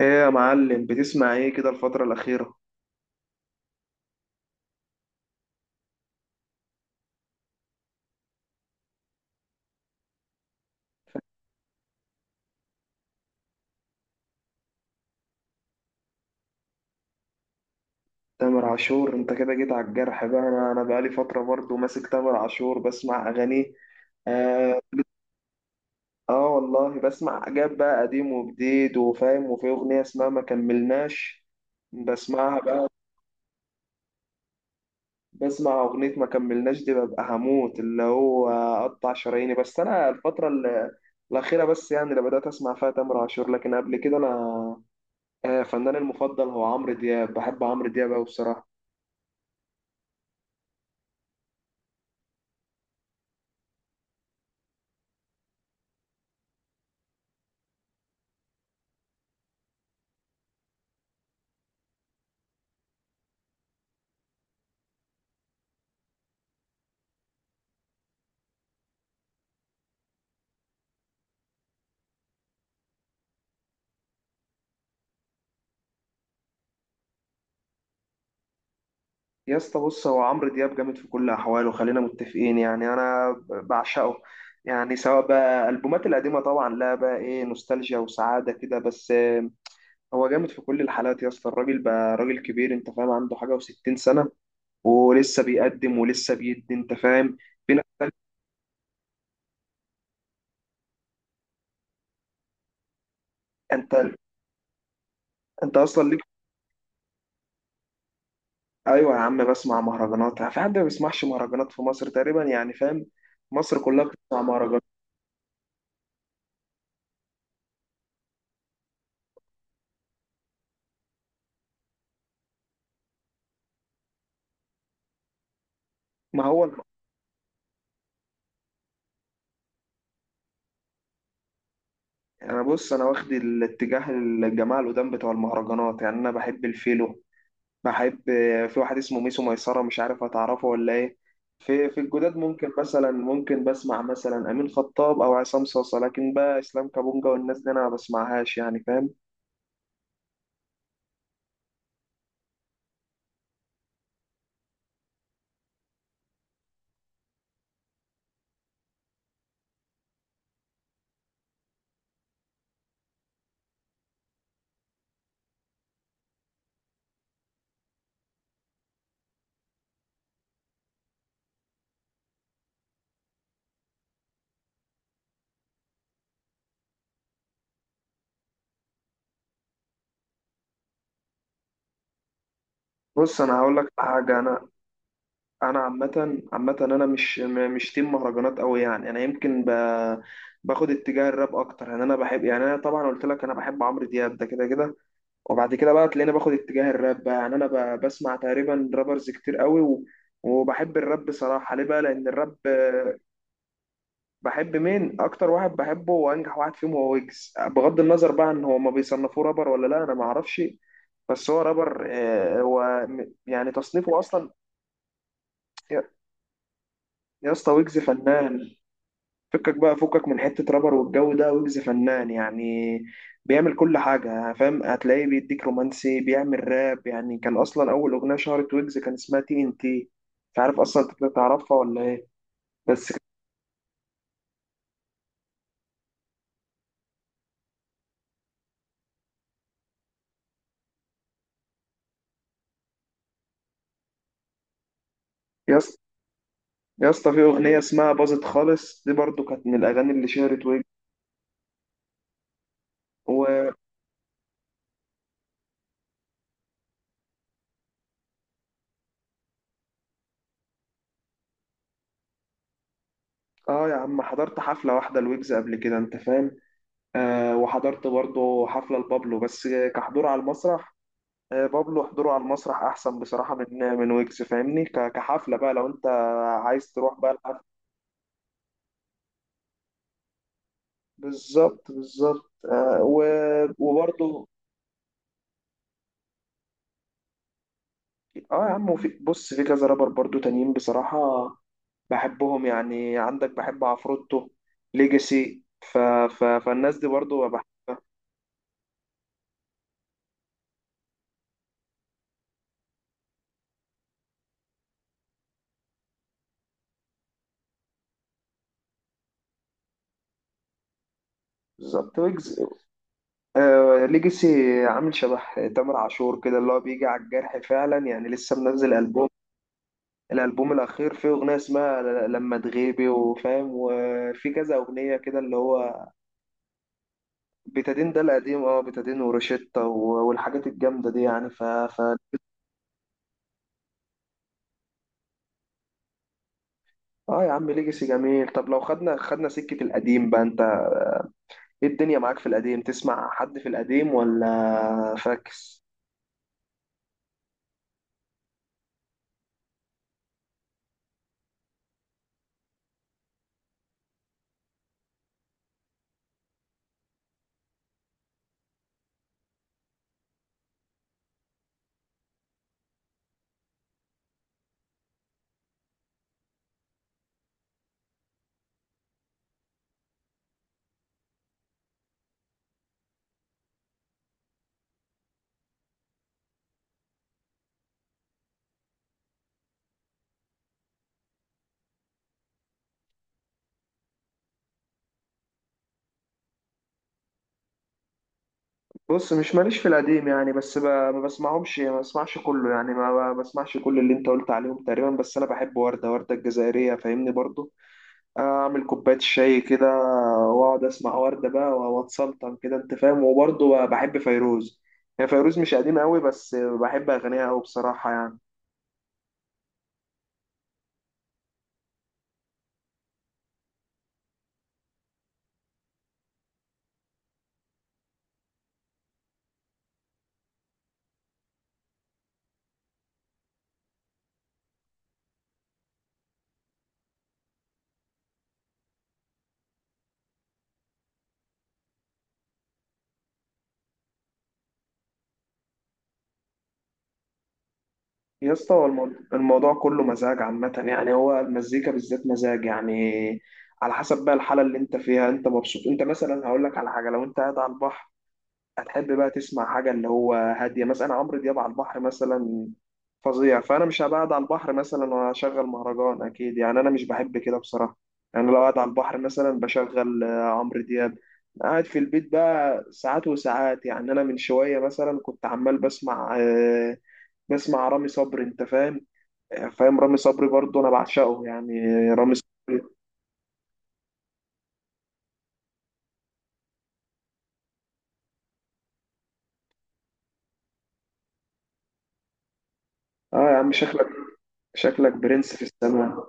ايه يا معلم بتسمع ايه كده الفترة الأخيرة؟ تامر عاشور انت كده جيت على الجرح بقى، انا بقالي فترة برضو ماسك تامر عاشور بسمع أغانيه. آه, اه والله بسمع حاجات بقى قديم وجديد وفاهم، وفي أغنية اسمها ما كملناش بسمعها بقى. بسمع أغنية ما كملناش دي ببقى هموت اللي هو أقطع شراييني. بس أنا الأخيرة بس يعني اللي بدأت أسمع فيها تامر عاشور، لكن قبل كده أنا فنان المفضل هو عمرو دياب، بحب عمرو دياب أوي بصراحة. يا اسطى بص، هو عمرو دياب جامد في كل احواله، خلينا متفقين يعني انا بعشقه. يعني سواء بقى البومات القديمه طبعا، لا بقى ايه، نوستالجيا وسعاده كده، بس. هو جامد في كل الحالات يا اسطى. الراجل بقى راجل كبير انت فاهم، عنده حاجه و60 سنه ولسه بيقدم ولسه بيدي انت فاهم. في ناس تانية- انت انت اصلا ليك. ايوه يا عم بسمع مهرجانات، في حد ما بيسمعش مهرجانات في مصر تقريبا يعني فاهم؟ مصر كلها بتسمع مهرجانات. ما هو انا بص، انا واخد الاتجاه الجماعه القدام بتوع المهرجانات، يعني انا بحب الفيلو، بحب، في واحد اسمه ميسو ميسره مش عارف هتعرفه ولا ايه. في الجداد ممكن مثلا، ممكن بسمع مثلا امين خطاب او عصام صاصا، لكن بقى اسلام كابونجا والناس دي انا ما بسمعهاش يعني فاهم. بص انا هقول لك حاجه، انا انا عامه عامه انا مش تيم مهرجانات قوي، يعني انا يمكن. باخد اتجاه الراب اكتر، يعني انا بحب يعني انا طبعا قلت لك انا بحب عمرو دياب ده كده كده، وبعد كده بقى تلاقيني باخد اتجاه الراب بقى. يعني انا بسمع تقريبا رابرز كتير قوي. وبحب الراب بصراحة. ليه بقى؟ لأن الراب. بحب مين؟ أكتر واحد بحبه وأنجح واحد فيهم هو ويجز، بغض النظر بقى إن هو ما بيصنفوه رابر ولا لا أنا ما أعرفش، بس هو رابر. يعني تصنيفه أصلا. يا يا اسطى ويجز فنان. فكك بقى، فكك من حتة رابر والجو ده، ويجز فنان يعني بيعمل كل حاجة فاهم، هتلاقيه بيديك رومانسي، بيعمل راب. يعني كان أصلا أول أغنية شهرت ويجز كان اسمها تي إن تي، مش عارف أصلا أنت تعرفها ولا إيه. بس يا اسطى، يا اسطى في أغنية اسمها باظت خالص دي برضو كانت من الأغاني اللي شهرت ويجز. و آه يا عم، حضرت حفلة واحدة لويجز قبل كده أنت فاهم. آه وحضرت برضو حفلة لبابلو بس كحضور على المسرح. بابلو حضوره على المسرح احسن بصراحه من ويجز فاهمني. كحفله بقى لو انت عايز تروح بقى الحفله. بالظبط. وبرضه. اه يا عم، وفي بص في كذا رابر برضه تانيين بصراحه بحبهم، يعني عندك بحب عفروتو، ليجاسي. فالناس دي برضه بحبها. بالظبط. ويجز آه، ليجاسي عامل شبه تامر عاشور كده، اللي هو بيجي على الجرح فعلا. يعني لسه منزل ألبوم، الالبوم الاخير فيه اغنيه اسمها لما تغيبي وفاهم، وفي كذا اغنيه كده اللي هو بيتادين. ده القديم، اه بيتادين وروشيتا والحاجات الجامده دي يعني. اه يا عم ليجاسي جميل. طب لو خدنا سكه القديم بقى، انت ايه الدنيا معاك في القديم؟ تسمع حد في القديم ولا فاكس؟ بص، مش ماليش في القديم يعني، بس. ما بسمعهمش، ما بسمعش كله يعني، ما بسمعش كل اللي انت قلت عليهم تقريبا. بس انا بحب وردة، وردة الجزائرية فاهمني، برضو اعمل كوبايه الشاي كده واقعد اسمع ورده بقى واتسلطن كده انت فاهم. وبرضه بحب فيروز، يعني فيروز مش قديم قوي، بس بحب اغانيها قوي بصراحه يعني. يا اسطى هو الموضوع كله مزاج عامه، يعني هو المزيكا بالذات مزاج يعني، على حسب بقى الحاله اللي انت فيها، انت مبسوط، انت مثلا هقول لك على حاجه، لو انت قاعد على البحر هتحب بقى تسمع حاجة اللي هو هادية، مثلا أنا عمرو دياب على البحر مثلا فظيع. فأنا مش هبقى قاعد على البحر مثلا وأشغل مهرجان أكيد، يعني أنا مش بحب كده بصراحة. يعني لو قاعد على البحر مثلا بشغل عمرو دياب. قاعد في البيت بقى ساعات وساعات، يعني أنا من شوية مثلا كنت عمال بسمع بسمع رامي صبري أنت فاهم، فاهم رامي صبري برضه أنا بعشقه يعني رامي صبري. آه يا عم شكلك، شكلك برنس في السماء.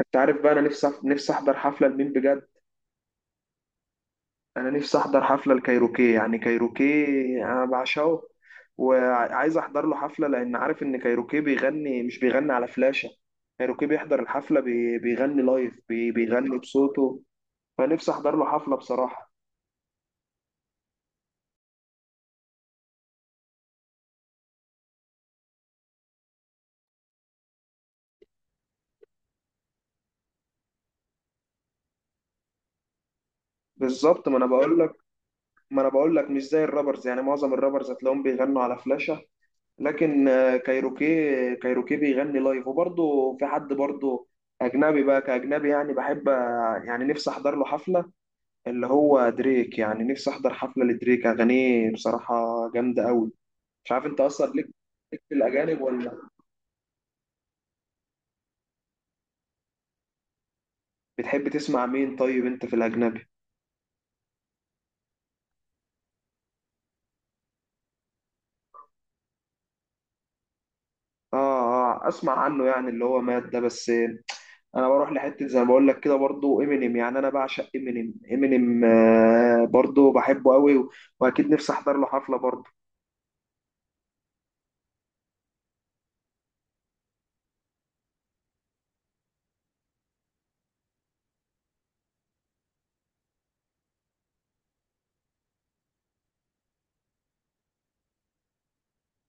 انت عارف بقى انا نفسي، نفسي احضر حفله لمين بجد؟ انا نفسي احضر حفله لكايروكي، يعني كايروكي انا بعشقه وعايز احضر له حفله، لان عارف ان كايروكي بيغني مش بيغني على فلاشه، كايروكي بيحضر الحفله بيغني لايف بيغني بصوته، فنفسي احضر له حفله بصراحه. بالظبط، ما انا بقول لك، ما انا بقول لك مش زي الرابرز، يعني معظم الرابرز هتلاقيهم بيغنوا على فلاشه، لكن. كايروكي، كايروكي بيغني لايف. وبرضه في حد برضه اجنبي بقى، كاجنبي يعني بحب، يعني نفسي احضر له حفله اللي هو دريك، يعني نفسي احضر حفله لدريك، اغانيه بصراحه جامده قوي. مش عارف انت اصلا ليك، ليك في الاجانب ولا؟ بتحب تسمع مين طيب انت في الاجنبي؟ اه اه، اسمع عنه يعني اللي هو مات ده، بس انا بروح لحته زي ما بقول لك كده برضو امينيم، يعني انا بعشق امينيم، امينيم آه برضو بحبه قوي، واكيد نفسي احضر له حفله برضو.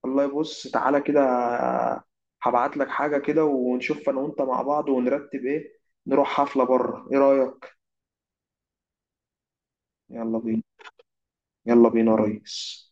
والله بص تعالى كده، هبعت لك حاجه كده ونشوف انا وانت مع بعض ونرتب ايه، نروح حفله بره ايه رايك؟ يلا بينا. يلا بينا يا ريس.